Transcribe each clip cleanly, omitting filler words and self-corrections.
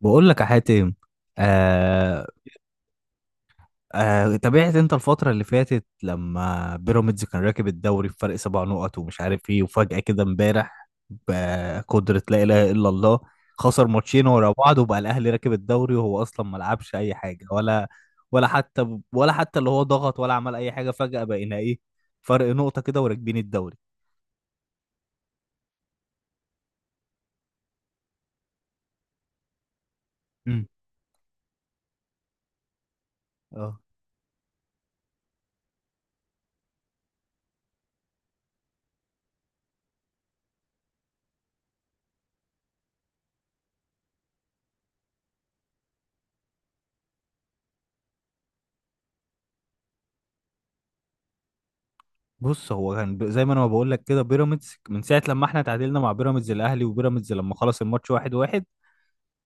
بقول لك يا حاتم. آه. تابعت انت الفترة اللي فاتت لما بيراميدز كان راكب الدوري بفرق 7 نقط ومش عارف ايه. وفجأة كده امبارح بقدرة لا إله إلا الله خسر ماتشين ورا بعض وبقى الأهلي راكب الدوري، وهو أصلا ما لعبش أي حاجة ولا ولا حتى اللي هو ضغط ولا عمل أي حاجة. فجأة بقينا ايه، فرق نقطة كده وراكبين الدوري. مم. اه، بص، هو كان زي ما انا ما بقول لك كده. بيراميدز من ساعه لما احنا تعادلنا مع بيراميدز، الاهلي وبيراميدز لما خلص الماتش 1-1.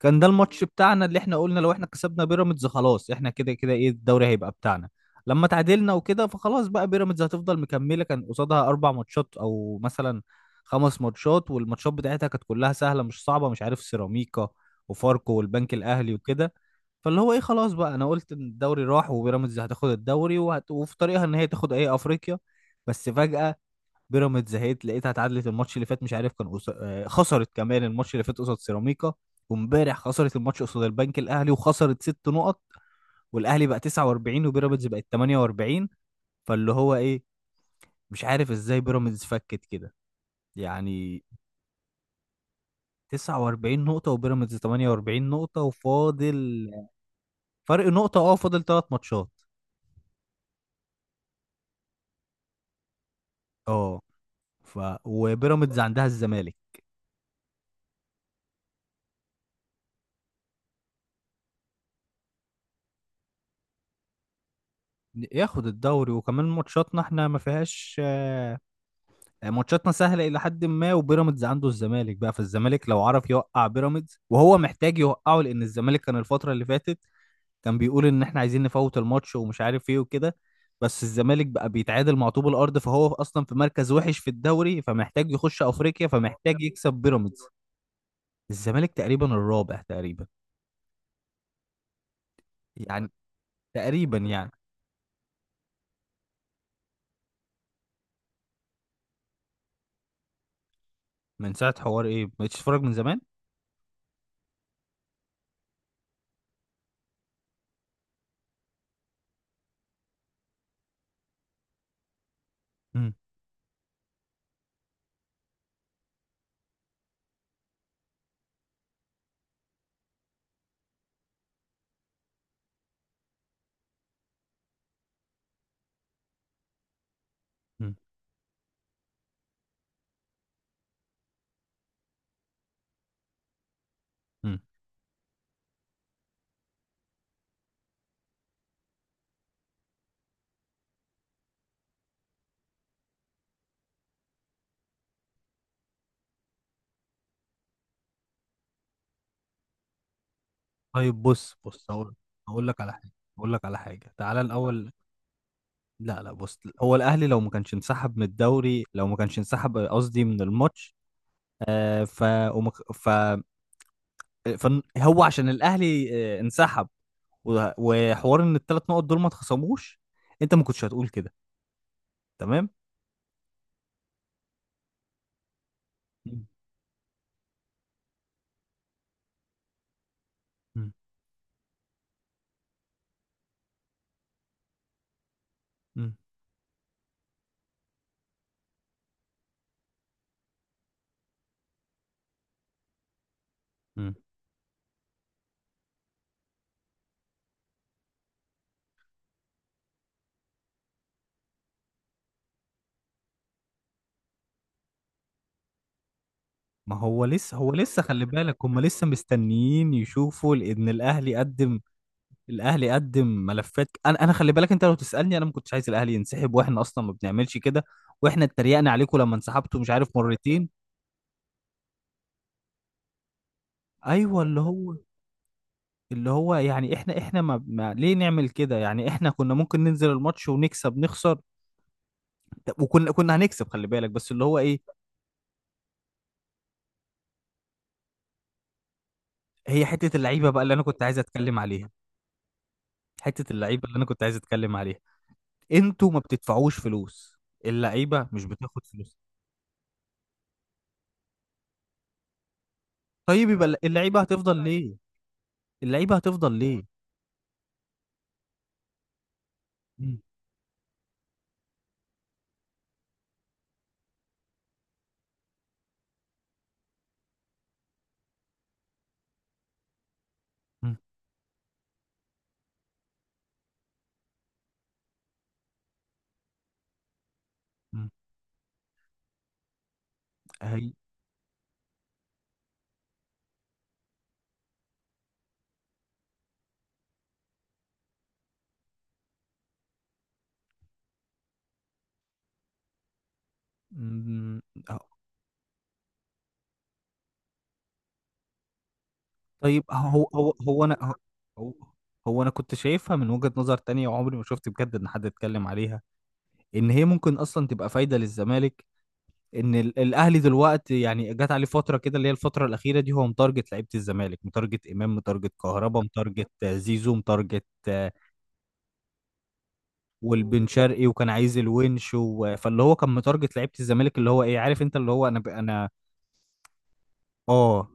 كان ده الماتش بتاعنا اللي احنا قلنا لو احنا كسبنا بيراميدز خلاص احنا كده كده ايه الدوري هيبقى بتاعنا. لما تعادلنا وكده فخلاص بقى بيراميدز هتفضل مكملة. كان قصادها 4 ماتشات او مثلا 5 ماتشات، والماتشات بتاعتها كانت كلها سهلة مش صعبة، مش عارف، سيراميكا وفاركو والبنك الاهلي وكده. فاللي هو ايه، خلاص بقى انا قلت ان الدوري راح وبيراميدز هتاخد الدوري، وفي طريقها ان هي تاخد ايه افريقيا. بس فجأة بيراميدز زهقت، لقيتها اتعادلت الماتش اللي فات، مش عارف كان قص... آه، خسرت كمان الماتش اللي فات قصاد سيراميكا. وامبارح خسرت الماتش قصاد البنك الاهلي وخسرت 6 نقط. والاهلي بقى 49 وبيراميدز بقت 48. فاللي هو ايه، مش عارف ازاي بيراميدز فكت كده يعني. 49 نقطة وبيراميدز 48 نقطة، وفاضل فرق نقطة. اه، فاضل 3 ماتشات. اه. ف وبيراميدز عندها الزمالك. ياخد الدوري، وكمان ماتشاتنا احنا ما فيهاش، ماتشاتنا سهله الى حد ما. وبيراميدز عنده الزمالك بقى، فالزمالك لو عرف يوقع بيراميدز وهو محتاج يوقعه، لان الزمالك كان الفتره اللي فاتت كان بيقول ان احنا عايزين نفوت الماتش ومش عارف ايه وكده. بس الزمالك بقى بيتعادل مع طوب الارض، فهو اصلا في مركز وحش في الدوري، فمحتاج يخش افريقيا فمحتاج يكسب بيراميدز. الزمالك تقريبا الرابع تقريبا يعني. تقريبا يعني. من ساعه حوار ايه ما بقتش تتفرج من زمان. مم. مم. مم. طيب، بص بص، هقول. هقول لك على حاجه. هقول لك على حاجه تعالى الاول. لا لا، بص، هو الاهلي لو ما كانش انسحب من الدوري، لو ما كانش انسحب قصدي من الماتش. آه ف ومك... ف فن- هو عشان الاهلي انسحب وحوار ان الثلاث نقط دول ما اتخصموش، انت ما كنتش هتقول كده. تمام. مم. مم. مم. مم. ما هو لسه خلي بالك، هم لسه مستنيين يشوفوا لان الاهلي قدم. الاهلي قدم ملفات. انا خلي بالك، انت لو تسالني انا ما كنتش عايز الاهلي ينسحب، واحنا اصلا ما بنعملش كده. واحنا اتريقنا عليكم لما انسحبتوا مش عارف مرتين. ايوه، اللي هو يعني احنا ما ليه نعمل كده يعني. احنا كنا ممكن ننزل الماتش ونكسب نخسر. طب وكنا هنكسب خلي بالك، بس اللي هو ايه هي حتة اللعيبة بقى اللي انا كنت عايز اتكلم عليها. حتة اللعيبة اللي انا كنت عايز اتكلم عليها، انتوا ما بتدفعوش فلوس. اللعيبة مش بتاخد فلوس. طيب يبقى اللعيبة هتفضل ليه. اللعيبة هتفضل ليه. مم. مم. مم. هي. مم. طيب، هو هو انا كنت شايفها من وجهة نظر تانية، وعمري ما شفت بجد ان حد اتكلم عليها ان هي ممكن اصلا تبقى فايدة للزمالك. ان الاهلي دلوقتي يعني جات عليه فترة كده اللي هي الفترة الاخيرة دي، هو متارجت لعيبة الزمالك، متارجت امام، متارجت كهربا، متارجت زيزو، متارجت والبن شرقي، وكان عايز الونش. فاللي هو كان متارجت لعيبة الزمالك، اللي هو ايه، عارف انت اللي هو انا. اه.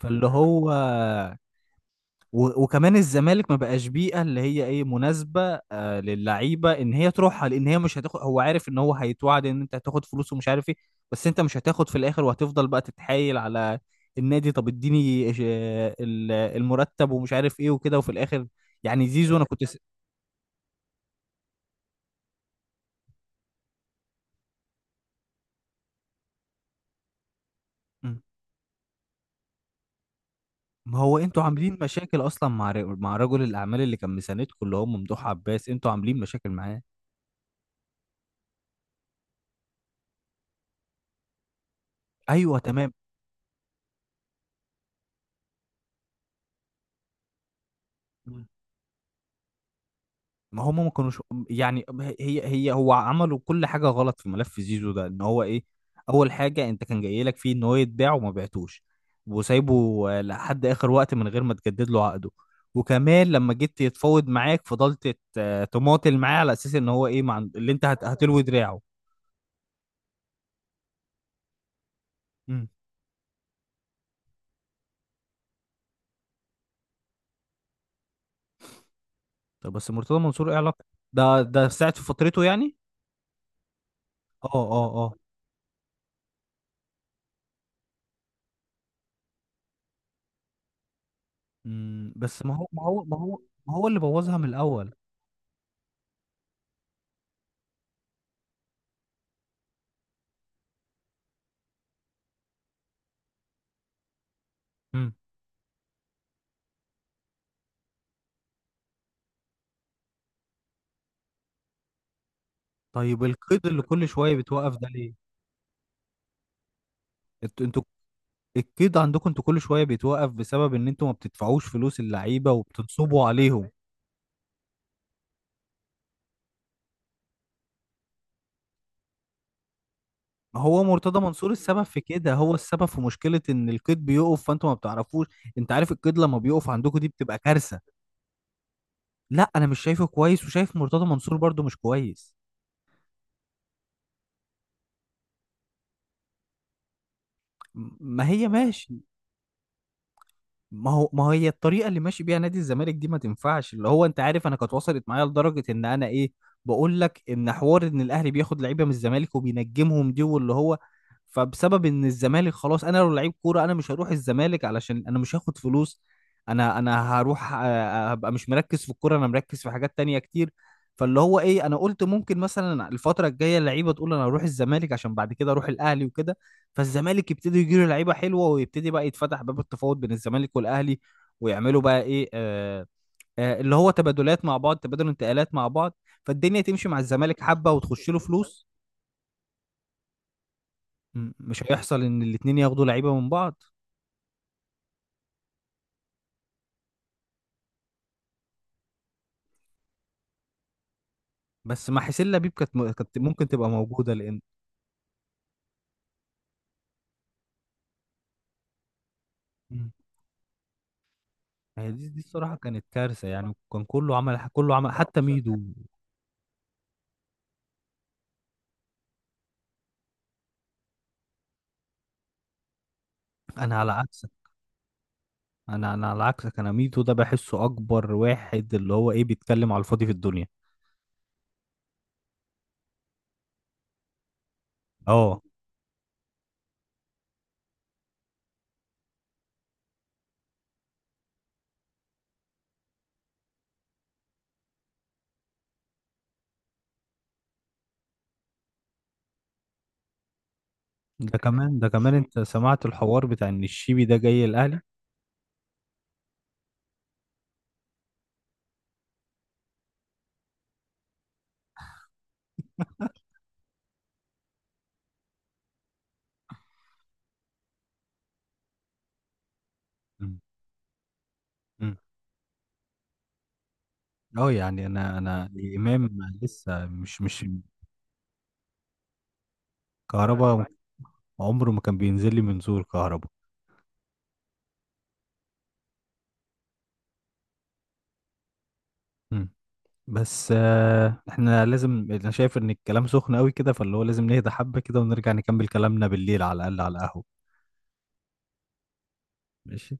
فاللي هو وكمان الزمالك ما بقاش بيئة اللي هي ايه مناسبة للعيبة ان هي تروحها، لان هي مش هتاخد. هو عارف ان هو هيتوعد ان انت هتاخد فلوس ومش عارف ايه، بس انت مش هتاخد في الاخر، وهتفضل بقى تتحايل على النادي. طب اديني المرتب ومش عارف ايه وكده، وفي الاخر يعني زيزو انا مم. ما هو انتوا عاملين مشاكل اصلا مع مع رجل الاعمال اللي كان مساندكم اللي هو ممدوح عباس، انتوا عاملين مشاكل معاه. ايوه تمام. ما هم ما كانوش يعني. هي هي هو عملوا كل حاجة غلط في ملف زيزو ده ان هو ايه. اول حاجة انت كان جاي لك فيه ان هو يتباع وما بعتوش، وسايبه لحد اخر وقت من غير ما تجدد له عقده. وكمان لما جيت يتفاوض معاك، فضلت تماطل معاه على اساس ان هو ايه مع اللي انت هتلوي دراعه. امم طب، بس مرتضى منصور ايه علاقة؟ ده في ساعة في فترته يعني. اه اه اه. بس ما هو، ما هو اللي بوظها من الاول. امم طيب القيد اللي كل شوية بتوقف ده ليه؟ انتوا القيد عندكم انتوا كل شويه بيتوقف بسبب ان انتوا ما بتدفعوش فلوس اللعيبه وبتنصبوا عليهم. هو مرتضى منصور السبب في كده، هو السبب في مشكله ان القيد بيقف، فانتوا ما بتعرفوش. انت عارف القيد لما بيقف عندكم دي بتبقى كارثه. لا انا مش شايفه كويس، وشايف مرتضى منصور برضو مش كويس. ما هي ماشي. ما هو، ما هي الطريقه اللي ماشي بيها نادي الزمالك دي ما تنفعش. اللي هو انت عارف، انا كانت وصلت معايا لدرجه ان انا ايه، بقول لك ان حوار ان الاهلي بياخد لعيبه من الزمالك وبينجمهم دي، واللي هو فبسبب ان الزمالك خلاص، انا لو لعيب كوره انا مش هروح الزمالك علشان انا مش هاخد فلوس. انا هروح هبقى مش مركز في الكوره، انا مركز في حاجات تانية كتير. فاللي هو ايه، انا قلت ممكن مثلا الفتره الجايه اللعيبه تقول انا هروح الزمالك عشان بعد كده اروح الاهلي وكده، فالزمالك يبتدي يجيله لعيبه حلوه ويبتدي بقى يتفتح باب التفاوض بين الزمالك والاهلي، ويعملوا بقى ايه، اللي هو تبادلات مع بعض، تبادل انتقالات مع بعض، فالدنيا تمشي مع الزمالك حبه وتخش له فلوس. مش هيحصل ان الاتنين ياخدوا لعيبه من بعض. بس مع حسين لبيب كانت كانت ممكن تبقى موجوده لان... مم. هي دي الصراحه كانت كارثه يعني، كان كله عمل حتى ميدو. انا على عكسك. انا على عكسك، انا ميدو ده بحسه اكبر واحد اللي هو ايه، بيتكلم على الفاضي في الدنيا. اه. ده كمان انت سمعت الحوار بتاع ان الشيبي ده جاي الاهلي. مم. مم. اه، يعني انا امام لسه مش كهربا. عمره ما كان بينزل لي من زور كهربا. مم. بس احنا لازم، انا شايف ان الكلام سخن قوي كده، فاللي هو لازم نهدى حبة كده ونرجع نكمل كلامنا بالليل على الاقل على القهوة. ماشي.